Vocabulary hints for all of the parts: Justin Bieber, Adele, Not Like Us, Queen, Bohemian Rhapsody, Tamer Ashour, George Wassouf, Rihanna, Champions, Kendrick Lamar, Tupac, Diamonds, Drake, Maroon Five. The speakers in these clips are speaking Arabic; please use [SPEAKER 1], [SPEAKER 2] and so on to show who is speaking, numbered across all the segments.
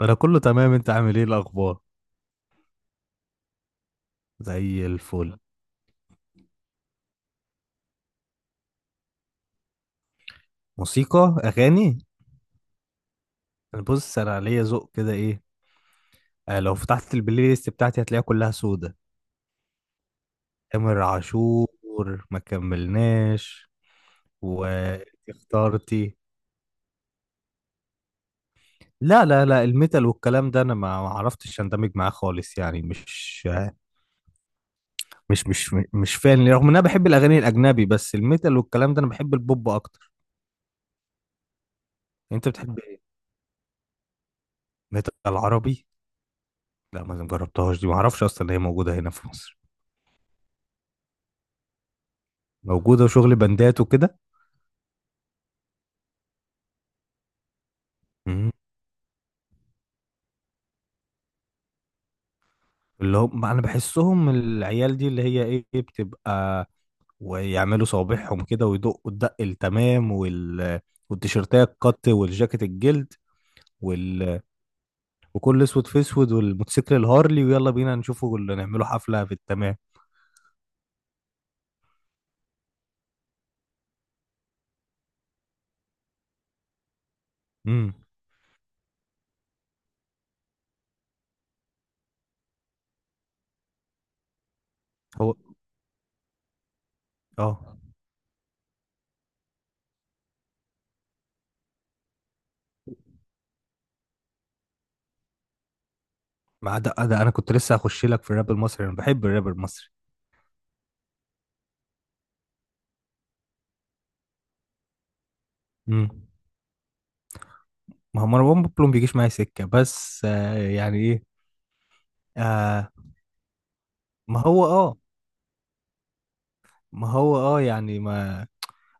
[SPEAKER 1] انا كله تمام. انت عامل ايه الاخبار؟ زي الفل. موسيقى اغاني. انا بص، انا ليا ذوق كده، ايه آه، لو فتحت البلاي ليست بتاعتي هتلاقيها كلها سودة. تامر عاشور. ما كملناش. واختارتي. لا لا لا، الميتال والكلام ده انا ما عرفتش اندمج معاه خالص، يعني مش فان، رغم ان انا بحب الاغاني الاجنبي، بس الميتال والكلام ده انا بحب البوب اكتر. انت بتحب ايه؟ ميتال عربي؟ لا، ما جربتهاش دي، ما اعرفش اصلا ان هي موجودة هنا في مصر. موجوده وشغل بندات وكده. مم. اللي هم انا بحسهم العيال دي اللي هي ايه بتبقى، ويعملوا صوابعهم كده ويدقوا الدق التمام، والتيشيرتات القط والجاكيت الجلد وال... وكل اسود في اسود، والموتوسيكل الهارلي، ويلا بينا نشوفه اللي نعمله حفله في التمام. امم هو اه. مع ده، ده انا كنت لسه هخش لك في الراب المصري، انا بحب الراب المصري. امم. ما هو مروان بابلو ما بيجيش معايا سكه، بس آه يعني ايه. آه. ما هو اه، ما هو اه يعني، ما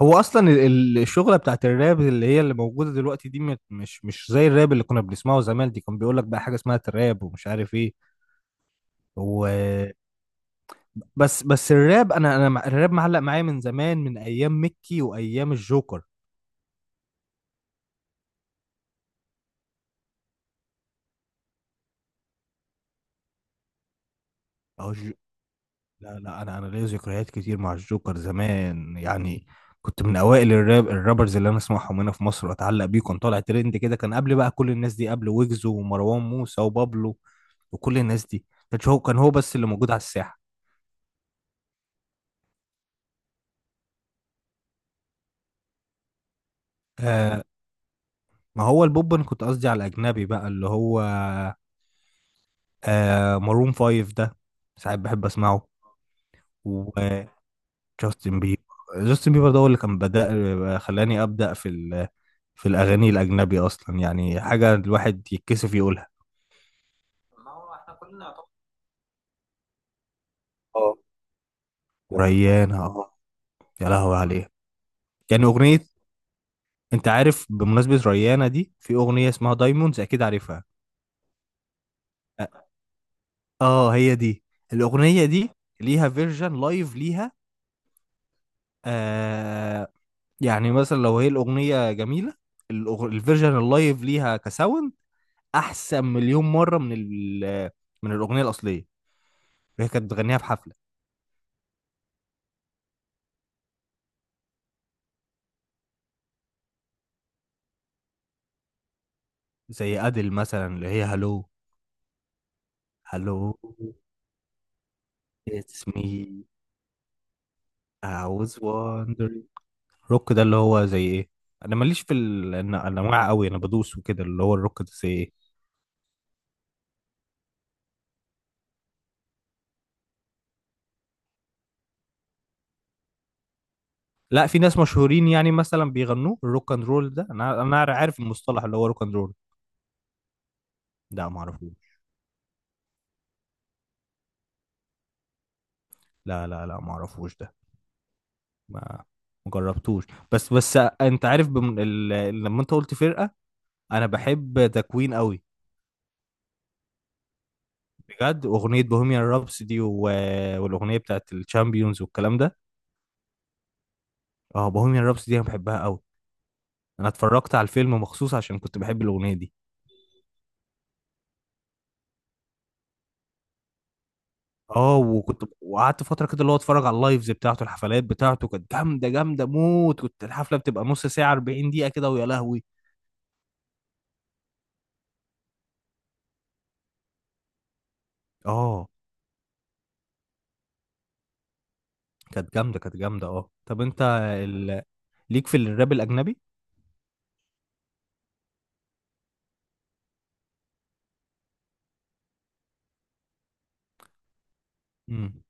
[SPEAKER 1] هو اصلا الشغله بتاعت الراب اللي هي اللي موجوده دلوقتي دي، مش زي الراب اللي كنا بنسمعه زمان. دي كان بيقول لك بقى حاجه اسمها تراب، ومش عارف ايه. و بس الراب، الراب معلق معايا من زمان، من ايام ميكي وايام الجوكر. اهو. لا لا، انا ليا ذكريات كتير مع الجوكر زمان يعني. كنت من اوائل الراب، الرابرز اللي انا اسمعهم هنا في مصر واتعلق بيه، كان طالع ترند كده، كان قبل بقى كل الناس دي، قبل ويجز ومروان موسى وبابلو وكل الناس دي. كان هو بس اللي موجود على الساحه. آه. ما هو البوب انا كنت قصدي على الاجنبي بقى، اللي هو آه مارون فايف ده، ساعات بحب اسمعه. وجاستن بيبر. جاستن بيبر ده هو اللي كان بدأ، خلاني ابدأ في في الأغاني الأجنبي أصلا، يعني حاجة الواحد يتكسف يقولها. ما هو احنا كلنا يعتبر. اه. وريانة اه. يا لهوي عليها. يعني أغنية، أنت عارف بمناسبة ريانة دي، في أغنية اسمها دايموندز أكيد عارفها. اه. هي دي الأغنية دي. ليها فيرجن لايف ليها. آه. يعني مثلا لو هي الأغنية جميلة، الفيرجن اللايف ليها كساوند أحسن مليون مرة من الأغنية الأصلية. هي كانت بتغنيها في حفلة. زي أديل مثلا اللي هي هالو. hello, it's me, I was wondering. روك ده اللي هو زي ايه؟ انا ماليش في الانواع قوي، انا بدوس وكده. اللي هو الروك ده زي ايه؟ لا في ناس مشهورين يعني مثلا بيغنوه، الروك اند رول ده انا انا عارف المصطلح، اللي هو روك اند رول. لا ما اعرفوش. لا لا لا، ما اعرفوش ده. ما ما جربتوش. بس بس، انت عارف لما انت قلت فرقة، انا بحب ذا كوين قوي. بجد اغنية بوهيميان رابس دي والاغنية بتاعت الشامبيونز والكلام ده. اه بوهيميان رابس دي انا بحبها قوي. انا اتفرجت على الفيلم مخصوص عشان كنت بحب الاغنيه دي. اه، وكنت وقعدت فتره كده اللي هو اتفرج على اللايفز بتاعته، الحفلات بتاعته كانت جامده، جامده موت، كنت الحفله بتبقى نص ساعه 40 دقيقه كده، ويا لهوي. اه كانت جامده كانت جامده. اه طب انت ال... ليك في الراب الاجنبي؟ امم.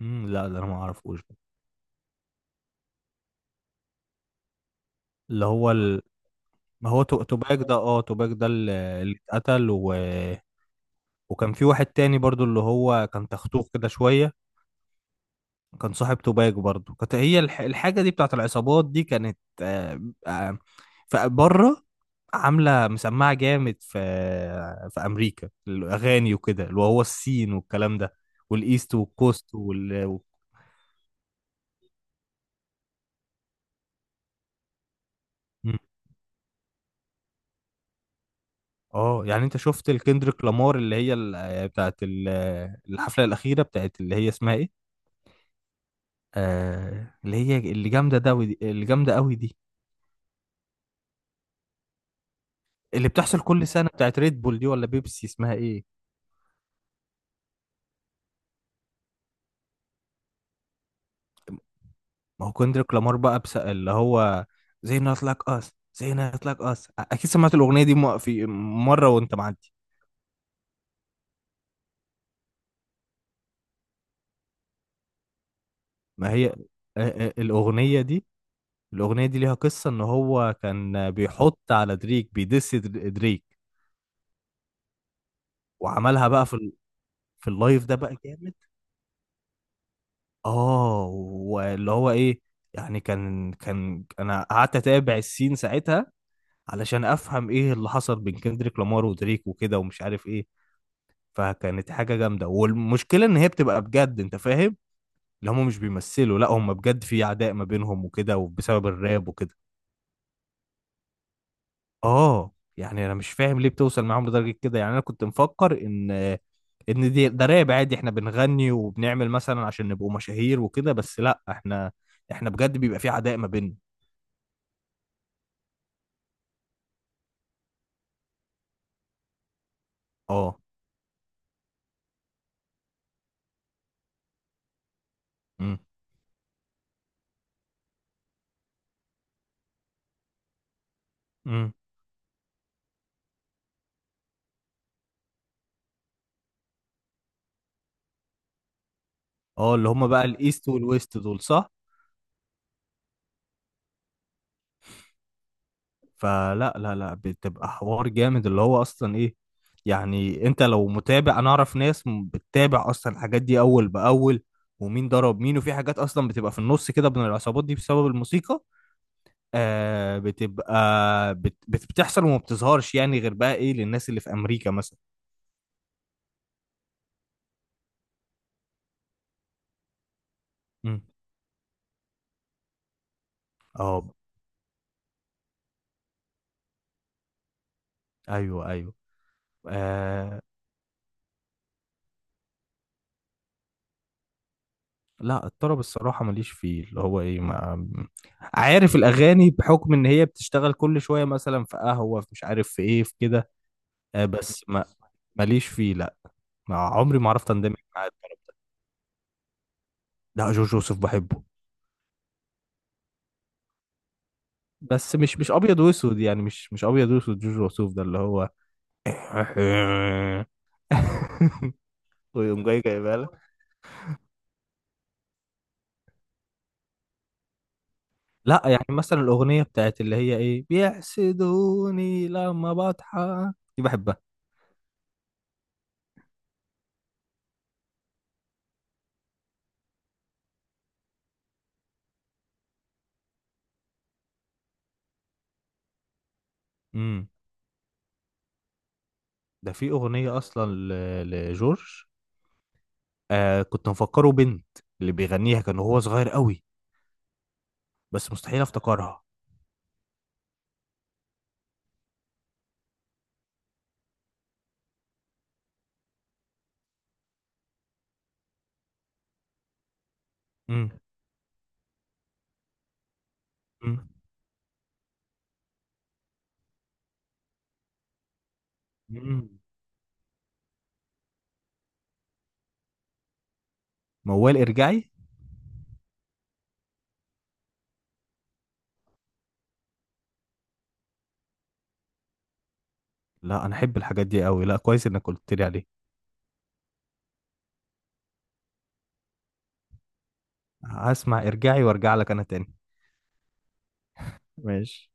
[SPEAKER 1] امم. لا ده انا ما اعرفوش ده. اللي هو ما هو توباك ده، اه توباك ده اللي اللي اتقتل وكان في واحد تاني برضو اللي هو كان تختوخ كده شويه، كان صاحب توباجو برضو. كانت هي الحاجة دي بتاعت العصابات دي كانت آه، فبره عاملة مسمعة جامد في في أمريكا. الأغاني وكده اللي هو السين والكلام ده، والإيست والكوست مم. اه يعني انت شفت الكندريك لامار اللي هي بتاعت الحفلة الأخيرة بتاعت اللي هي اسمها ايه، آه اللي هي اللي جامدة ده اللي جامدة قوي دي، اللي بتحصل كل سنة، بتاعت ريد بول دي ولا بيبسي، اسمها ايه؟ ما هو كندريك لامار بقى، بس اللي هو زي نوت لايك اس. زي نوت لايك اس اكيد سمعت الاغنيه دي في مره وانت معدي. ما هي الاغنيه دي، الاغنيه دي ليها قصه ان هو كان بيحط على دريك، بيدس دريك، وعملها بقى في اللايف ده بقى جامد. اه واللي هو ايه، يعني كان انا قعدت اتابع السين ساعتها علشان افهم ايه اللي حصل بين كندريك لامار ودريك وكده، ومش عارف ايه. فكانت حاجة جامدة، والمشكلة ان هي بتبقى بجد، انت فاهم، اللي هم مش بيمثلوا، لا هم بجد في عداء ما بينهم وكده، وبسبب الراب وكده. اه يعني انا مش فاهم ليه بتوصل معاهم لدرجة كده، يعني انا كنت مفكر ان ده راب عادي، احنا بنغني وبنعمل مثلا عشان نبقوا مشاهير وكده، بس لا، احنا بجد بيبقى في عداء ما بيننا. اه. امم. امم. اه اللي هم بقى الايست والويست دول صح. فلا لا لا بتبقى حوار جامد، اللي هو اصلا ايه، يعني انت لو متابع، انا اعرف ناس بتتابع اصلا الحاجات دي اول باول، ومين ضرب مين، وفي حاجات اصلا بتبقى في النص كده بين العصابات دي بسبب الموسيقى آه، بتحصل وما بتظهرش يعني غير بقى ايه للناس اللي في امريكا مثلا. مم. اه. ايوه ايوه. آه. لا الطرب الصراحة ماليش فيه، اللي هو ايه، ما عارف الاغاني بحكم ان هي بتشتغل كل شوية، مثلا في قهوة، في مش عارف في ايه، في كده. بس ما ماليش فيه لا، ما عمري ما عرفت اندمج معاه بصراحة. لا جورج وسوف بحبه. بس مش ابيض واسود يعني، مش ابيض واسود جورج وسوف ده اللي هو ويقوم جاي جايبها لك. لا يعني مثلا الاغنيه بتاعت اللي هي ايه، بيحسدوني لما بضحك دي، بحبها. امم. ده في اغنيه اصلا لجورج، آه كنت مفكره بنت، اللي بيغنيها كان هو صغير قوي، بس مستحيل افتكرها. امم. امم. موال ارجعي. لا انا احب الحاجات دي قوي، لا كويس انك قلت لي عليه. هسمع ارجعي وارجع لك انا تاني. ماشي.